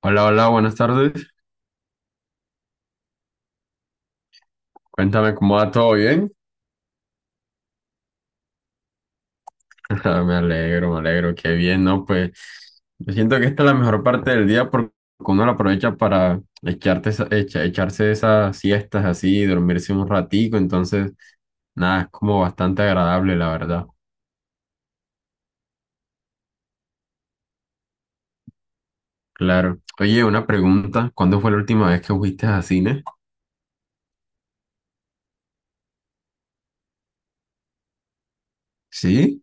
Hola, hola, buenas tardes. Cuéntame cómo va todo bien. Ah, me alegro, me alegro, qué bien, ¿no? Pues yo siento que esta es la mejor parte del día porque uno la aprovecha para echarte echarse esas siestas así, dormirse un ratico, entonces, nada, es como bastante agradable, la verdad. Claro. Oye, una pregunta, ¿cuándo fue la última vez que fuiste a cine? Sí.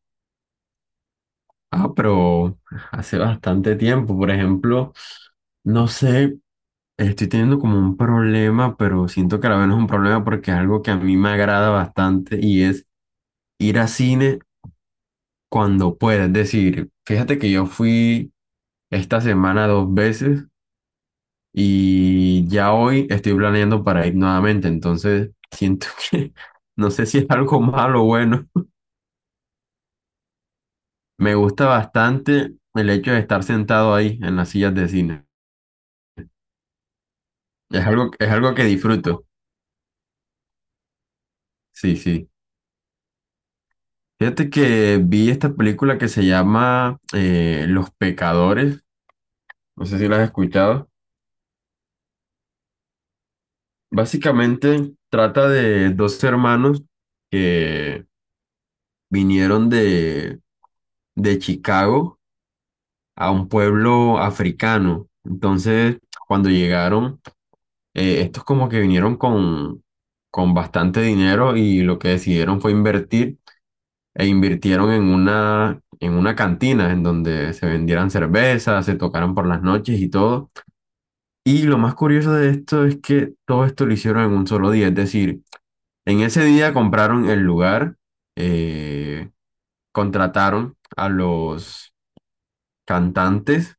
Ah, pero hace bastante tiempo, por ejemplo, no sé. Estoy teniendo como un problema, pero siento que a la vez no es un problema porque es algo que a mí me agrada bastante y es ir a cine cuando pueda. Es decir, fíjate que yo fui esta semana dos veces y ya hoy estoy planeando para ir nuevamente. Entonces siento que no sé si es algo malo o bueno. Me gusta bastante el hecho de estar sentado ahí en las sillas de cine. Es algo que disfruto. Sí, sí. Fíjate que vi esta película que se llama Los Pecadores, no sé si la has escuchado. Básicamente trata de dos hermanos que vinieron de Chicago a un pueblo africano. Entonces, cuando llegaron, estos como que vinieron con bastante dinero y lo que decidieron fue invertir e invirtieron en en una cantina en donde se vendieran cervezas, se tocaran por las noches y todo. Y lo más curioso de esto es que todo esto lo hicieron en un solo día, es decir, en ese día compraron el lugar, eh, contrataron a los cantantes,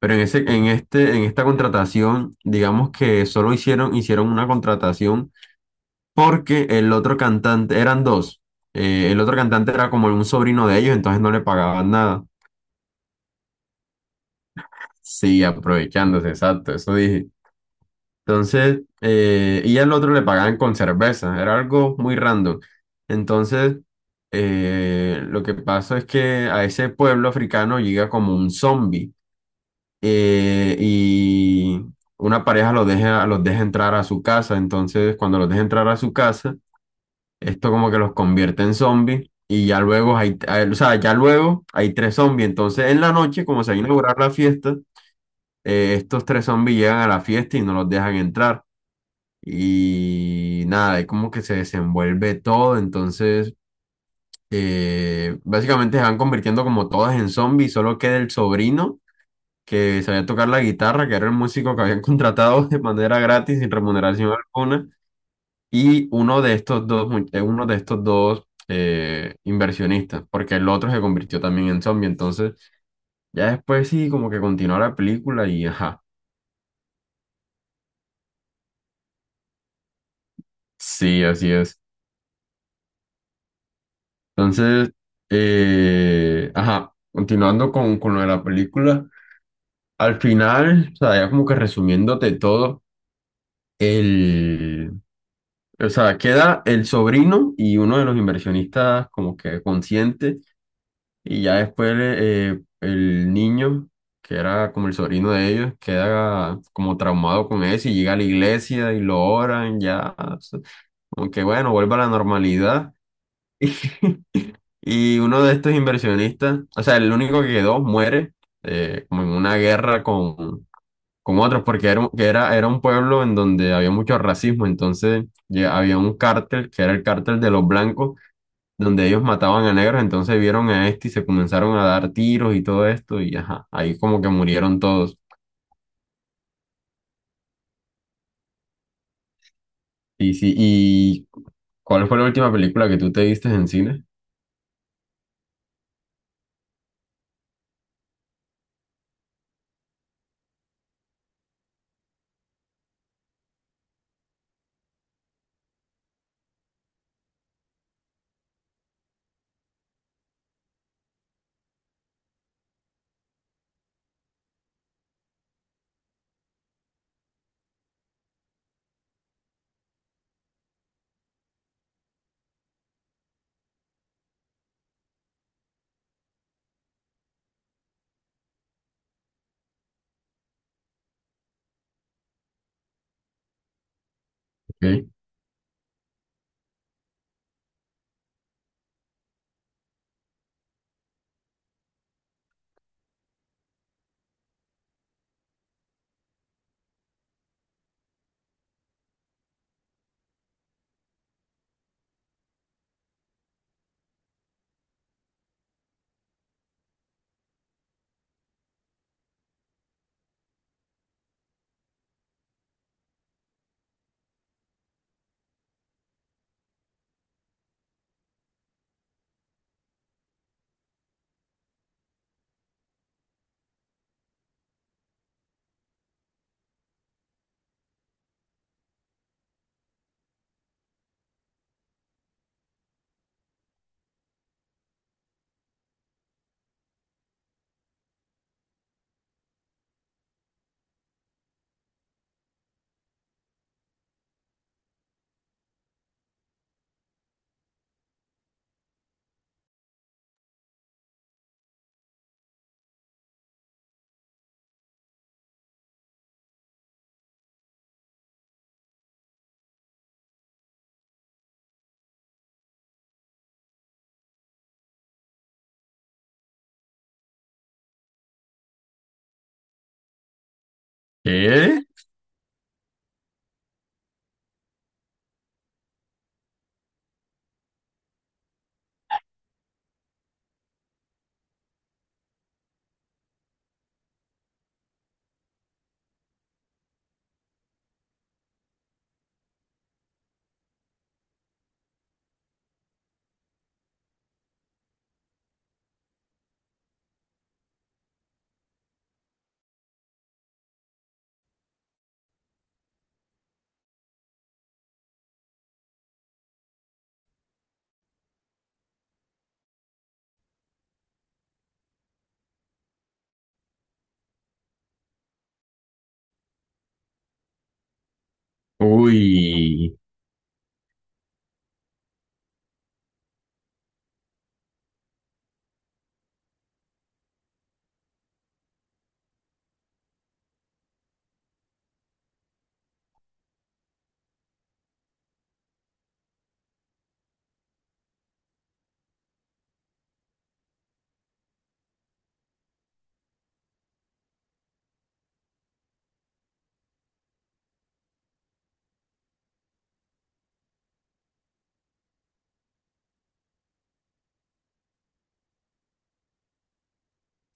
pero en en esta contratación, digamos que solo hicieron una contratación porque el otro cantante, eran dos, el otro cantante era como un sobrino de ellos, entonces no le pagaban nada. Sí, aprovechándose, exacto, eso dije. Entonces, y al otro le pagaban con cerveza, era algo muy random. Entonces, lo que pasa es que a ese pueblo africano llega como un zombie y una pareja los deja entrar a su casa. Entonces, cuando los deja entrar a su casa, esto como que los convierte en zombies y ya luego o sea, ya luego hay tres zombies. Entonces, en la noche, como se va a inaugurar la fiesta, estos tres zombies llegan a la fiesta y no los dejan entrar y nada, ahí como que se desenvuelve todo, entonces básicamente se van convirtiendo como todas en zombies, solo queda el sobrino que sabía tocar la guitarra, que era el músico que habían contratado de manera gratis, sin remuneración alguna, y uno de estos dos, uno de estos dos inversionistas, porque el otro se convirtió también en zombie, entonces ya después sí, como que continúa la película y ajá. Sí, así es. Entonces, ajá, continuando con lo de la película, al final, o sea, ya como que resumiéndote todo, el, o sea, queda el sobrino y uno de los inversionistas como que consciente, y ya después el niño, que era como el sobrino de ellos, queda como traumado con eso y llega a la iglesia y lo oran, ya, o sea, como que bueno, vuelve a la normalidad. Y uno de estos inversionistas, o sea, el único que quedó, muere como en una guerra con otros, porque era un pueblo en donde había mucho racismo, entonces ya había un cártel, que era el cártel de los blancos, donde ellos mataban a negros, entonces vieron a este y se comenzaron a dar tiros y todo esto, y ajá, ahí como que murieron todos. Y sí, ¿y cuál fue la última película que tú te viste en cine? Ok. ¿Qué? Uy,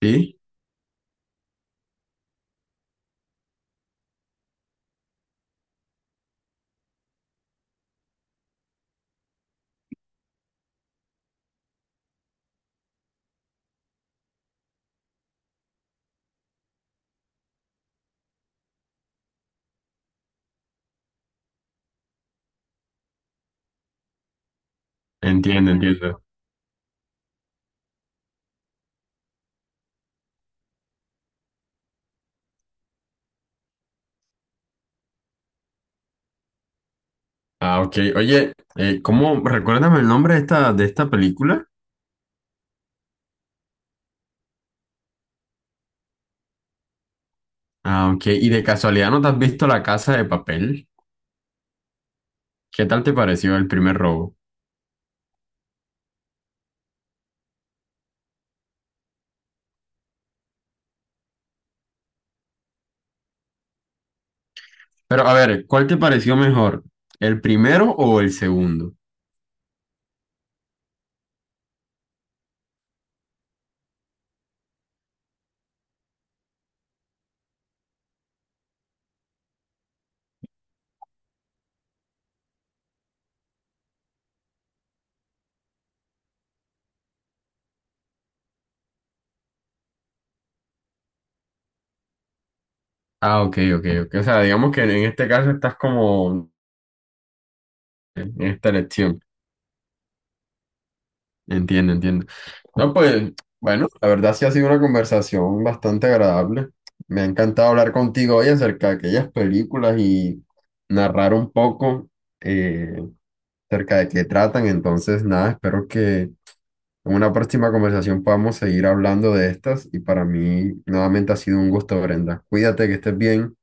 sí, entiendo, entiendo. Ah, ok. Oye, ¿cómo? Recuérdame el nombre de de esta película. Ah, ok. ¿Y de casualidad no te has visto La Casa de Papel? ¿Qué tal te pareció el primer robo? Pero a ver, ¿cuál te pareció mejor? ¿El primero o el segundo? Ah, ok, ok, ok. O sea, digamos que en este caso estás como en esta elección. Entiendo, entiendo. No, pues, bueno, la verdad sí ha sido una conversación bastante agradable. Me ha encantado hablar contigo hoy acerca de aquellas películas y narrar un poco. eh, Acerca de qué tratan. Entonces, nada, espero que en una próxima conversación podamos seguir hablando de estas. Y para mí, nuevamente ha sido un gusto, Brenda. Cuídate, que estés bien.